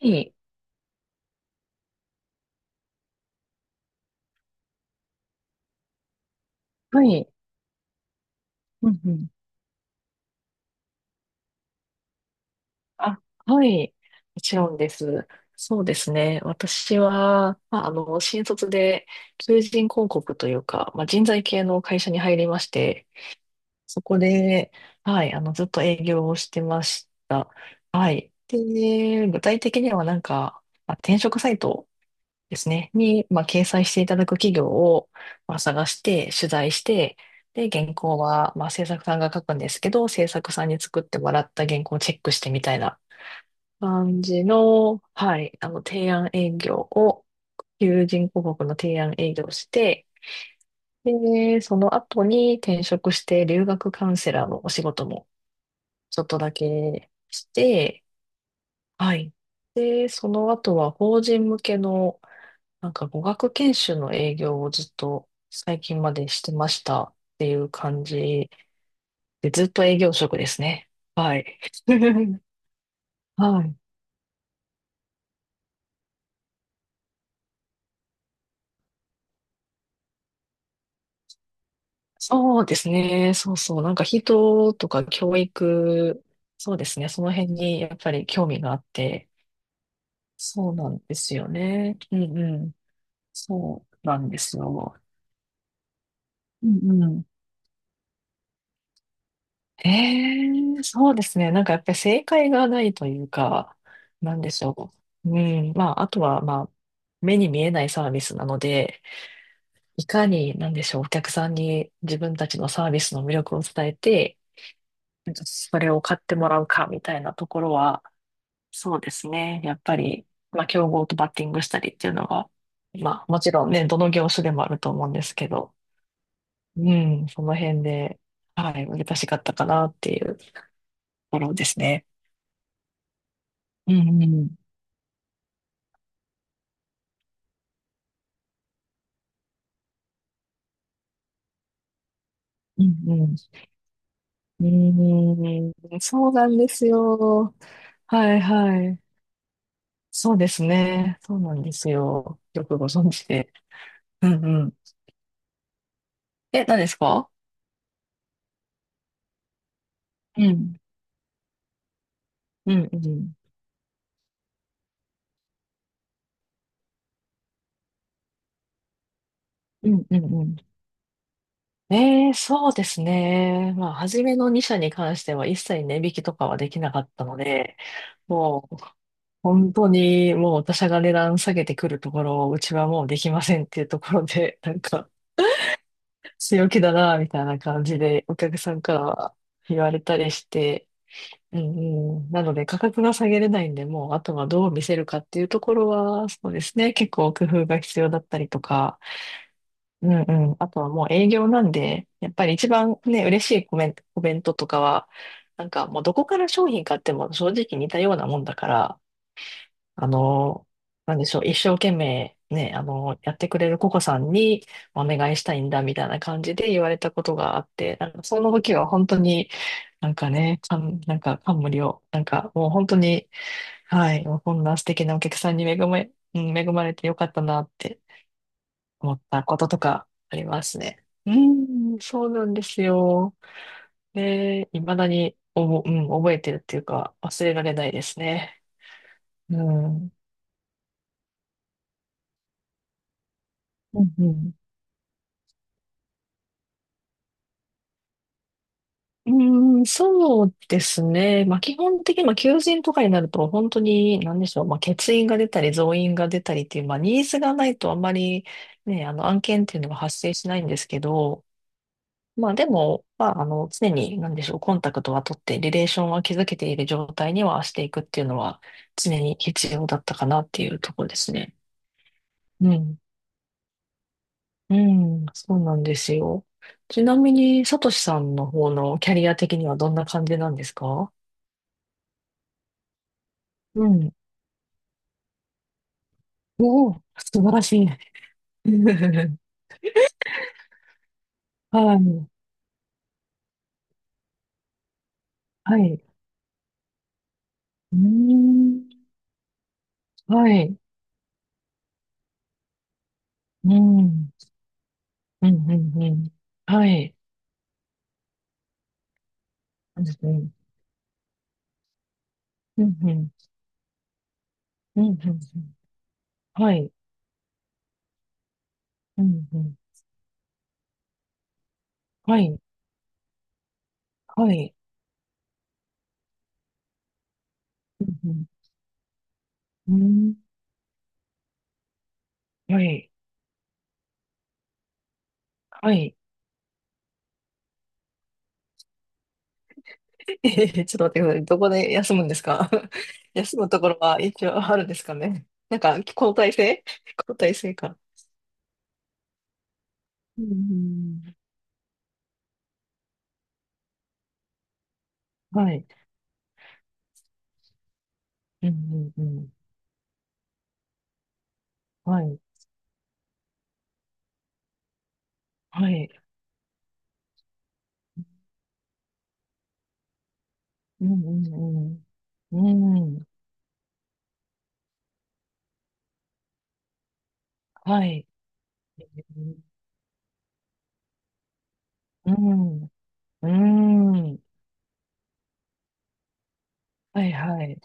はい。はい。うんうん。あ、はい。もちろんです。そうですね。私は、新卒で求人広告というか、人材系の会社に入りまして、そこで、ずっと営業をしてました。はい。で、具体的には転職サイトですね。に、掲載していただく企業を、探して、取材して、で、原稿は、制作さんが書くんですけど、制作さんに作ってもらった原稿をチェックしてみたいな感じの、提案営業を、求人広告の提案営業をして、で、その後に転職して留学カウンセラーのお仕事もちょっとだけして、はい。で、その後は法人向けの語学研修の営業をずっと最近までしてましたっていう感じで、ずっと営業職ですね。はい。はい。そうですね。そうそう。人とか教育、そうですね。その辺にやっぱり興味があって、そうなんですよね。うんうん。そうなんですよ。うんうん。ええ、そうですね。やっぱり正解がないというか、なんでしょう。うん。あとは、目に見えないサービスなので、いかに、なんでしょう、お客さんに自分たちのサービスの魅力を伝えて、それを買ってもらうかみたいなところは、そうですね。やっぱり、競合とバッティングしたりっていうのが、もちろんね、どの業種でもあると思うんですけど、うん、その辺で、はい、難しかったかなっていうところですね。うんうんうんうん。うーん、そうなんですよ。はいはい。そうですね。そうなんですよ。よくご存知で。うんうん。え、何ですか？うん。うんうん。うんうんうん。えー、そうですね。初めの2社に関しては一切値引きとかはできなかったので、もう本当に他社が値段下げてくるところをうちはもうできませんっていうところで、強気だな、みたいな感じでお客さんからは言われたりして、うんうん、なので価格が下げれないんで、もうあとはどう見せるかっていうところは、そうですね、結構工夫が必要だったりとか、うんうん、あとはもう営業なんで、やっぱり一番ね、嬉しいコメント、コメントとかは、もうどこから商品買っても正直似たようなもんだから、あの、なんでしょう、一生懸命ね、やってくれるココさんにお願いしたいんだみたいな感じで言われたことがあって、なんかその時は本当になんかね、感、なんか感無量、もう本当に、はい、もうこんな素敵なお客さんに恵まれ、うん恵まれてよかったなって思ったこととかありますね。うん、そうなんですよ。で、未だにおぼ、うん、覚えてるっていうか忘れられないですね。うん。うんうん。うーん、そうですね。基本的に、求人とかになると、本当に、なんでしょう、欠員が出たり、増員が出たりっていう、ニーズがないとあんまり、ね、案件っていうのが発生しないんですけど、でも、常に、なんでしょう、コンタクトは取って、リレーションは築けている状態にはしていくっていうのは、常に必要だったかなっていうところですね。うん。うん、そうなんですよ。ちなみに、さとしさんの方のキャリア的にはどんな感じなんですか？うん。おお、素晴らしい。はい。はい。うーん。はい。うん。うん、うん、うん。はい。そうですね。うん、うん。うん、うん。うん。はい、うんうん。はい。うん、う。うん、うん。うん。はい。はい。えへへ、ちょっと待ってください。どこで休むんですか？ 休むところは一応あるんですかね。なんか、交代制。交代制か。うん、うん。はい。うん、うん、うん。はい。はい。うんうんうん。うん。はい。うん。うん。はいはい。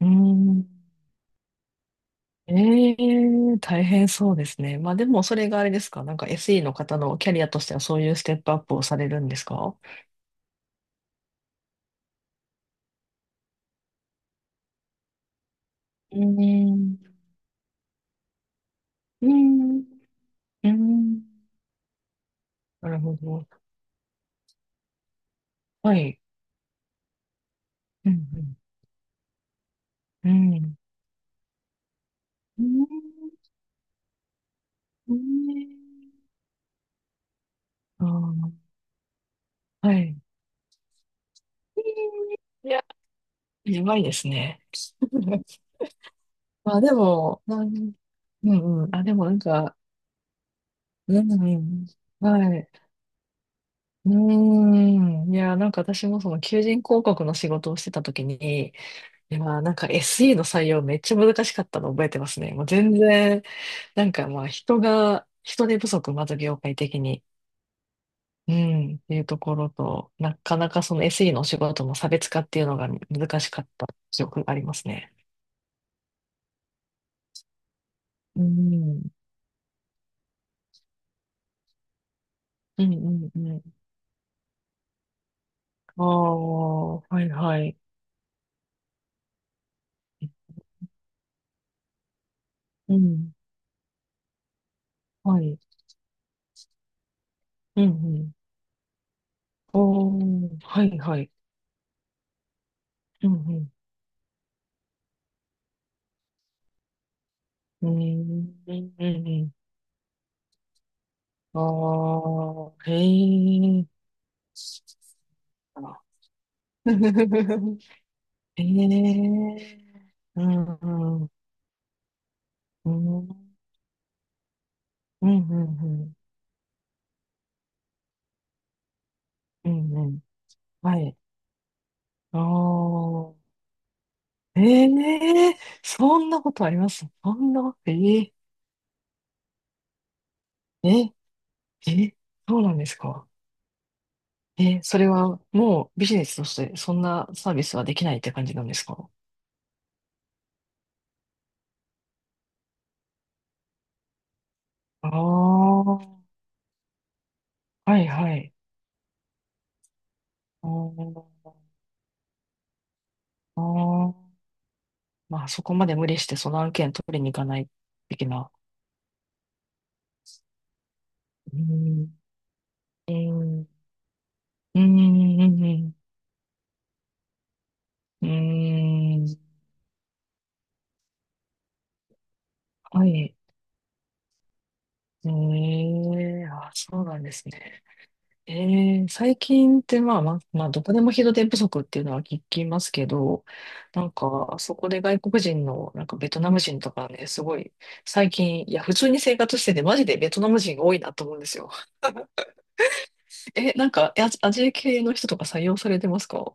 うん。ええ、大変そうですね。まあでもそれがあれですか、なんか SE の方のキャリアとしてはそういうステップアップをされるんですか？うん。うん。うん。なるほど。はい。うん。うん。うん。うん。うん。ああ、はい。いや、やばいですね。まあでも、なん、うんうん。あ、でもなんか、うんうん。はい。うーん。いや、私もその求人広告の仕事をしてた時に、いや、なんか SE の採用めっちゃ難しかったの覚えてますね。もう全然、人手不足、まず業界的に。うん。っていうところと、なかなかその SE のお仕事の差別化っていうのが難しかった記憶がありますね。うん。うんうんうん。ああ、はいはい。うん。はい。うんうん。おー、はいはい。うんうん。うんうんうんうん。ああ、へえ。あ。 へえ。うんうん。うん。うんうんうん。うんうん。はい。ああ。え、え、そんなことあります？そんな、ええ、え、え、そうなんですか？え、それはもうビジネスとしてそんなサービスはできないって感じなんですか？ああ、はいはい。あーあ、ー、まあそこまで無理してその案件取りに行かない的な。うーん、うん、うん、うん、うん。はい。ええ、あ、そうなんですね。ええ、最近ってまあ、どこでも人手不足っていうのは聞きますけど、なんか、あそこで外国人の、なんかベトナム人とかね、すごい、最近、いや、普通に生活してて、マジでベトナム人が多いなと思うんですよ。え、なんか、アジア系の人とか採用されてますか？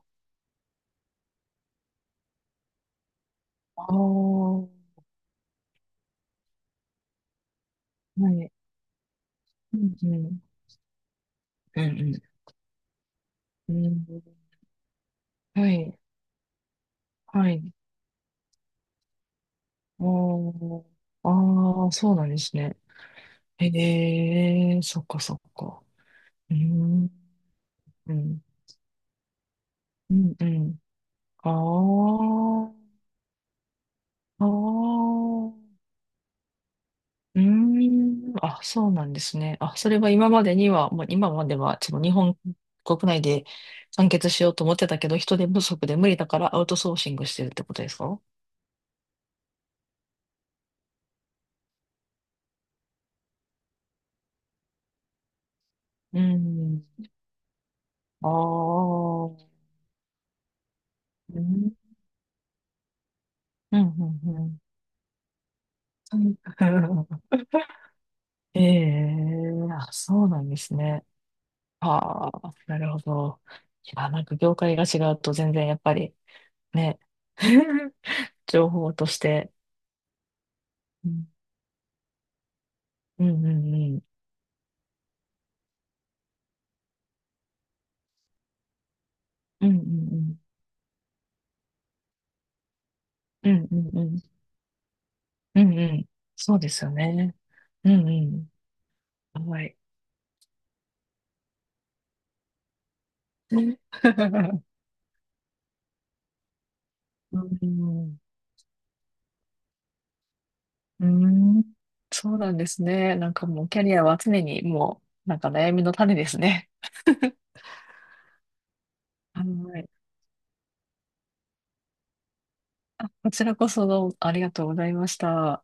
ああー、はい。うん、うん。うんうん、うん。はい、はい。あーあ、ー、そうなんですね。ええ、そっかそっか。うん。うんうんうん。ああ、ああ、うーん、あ、そうなんですね。あ、それは今までには、もう今までは、その日本国内で完結しようと思ってたけど、人手不足で無理だからアウトソーシングしてるってことですか？うん、ああ、うん、うん、うん、うん。ええ、あ、そうなんですね。ああ、なるほど。いや、なんか業界が違うと全然やっぱりね、情報として。うん、うん、うん、うん、うん、うん、うん、うん、うん、うん。うん。そうですよね。うん、うん、はい。ね。 うん、うん、そうなんですね。なんかもうキャリアは常にもう、なんか悩みの種ですね。はい。あ、こちらこそどうもありがとうございました。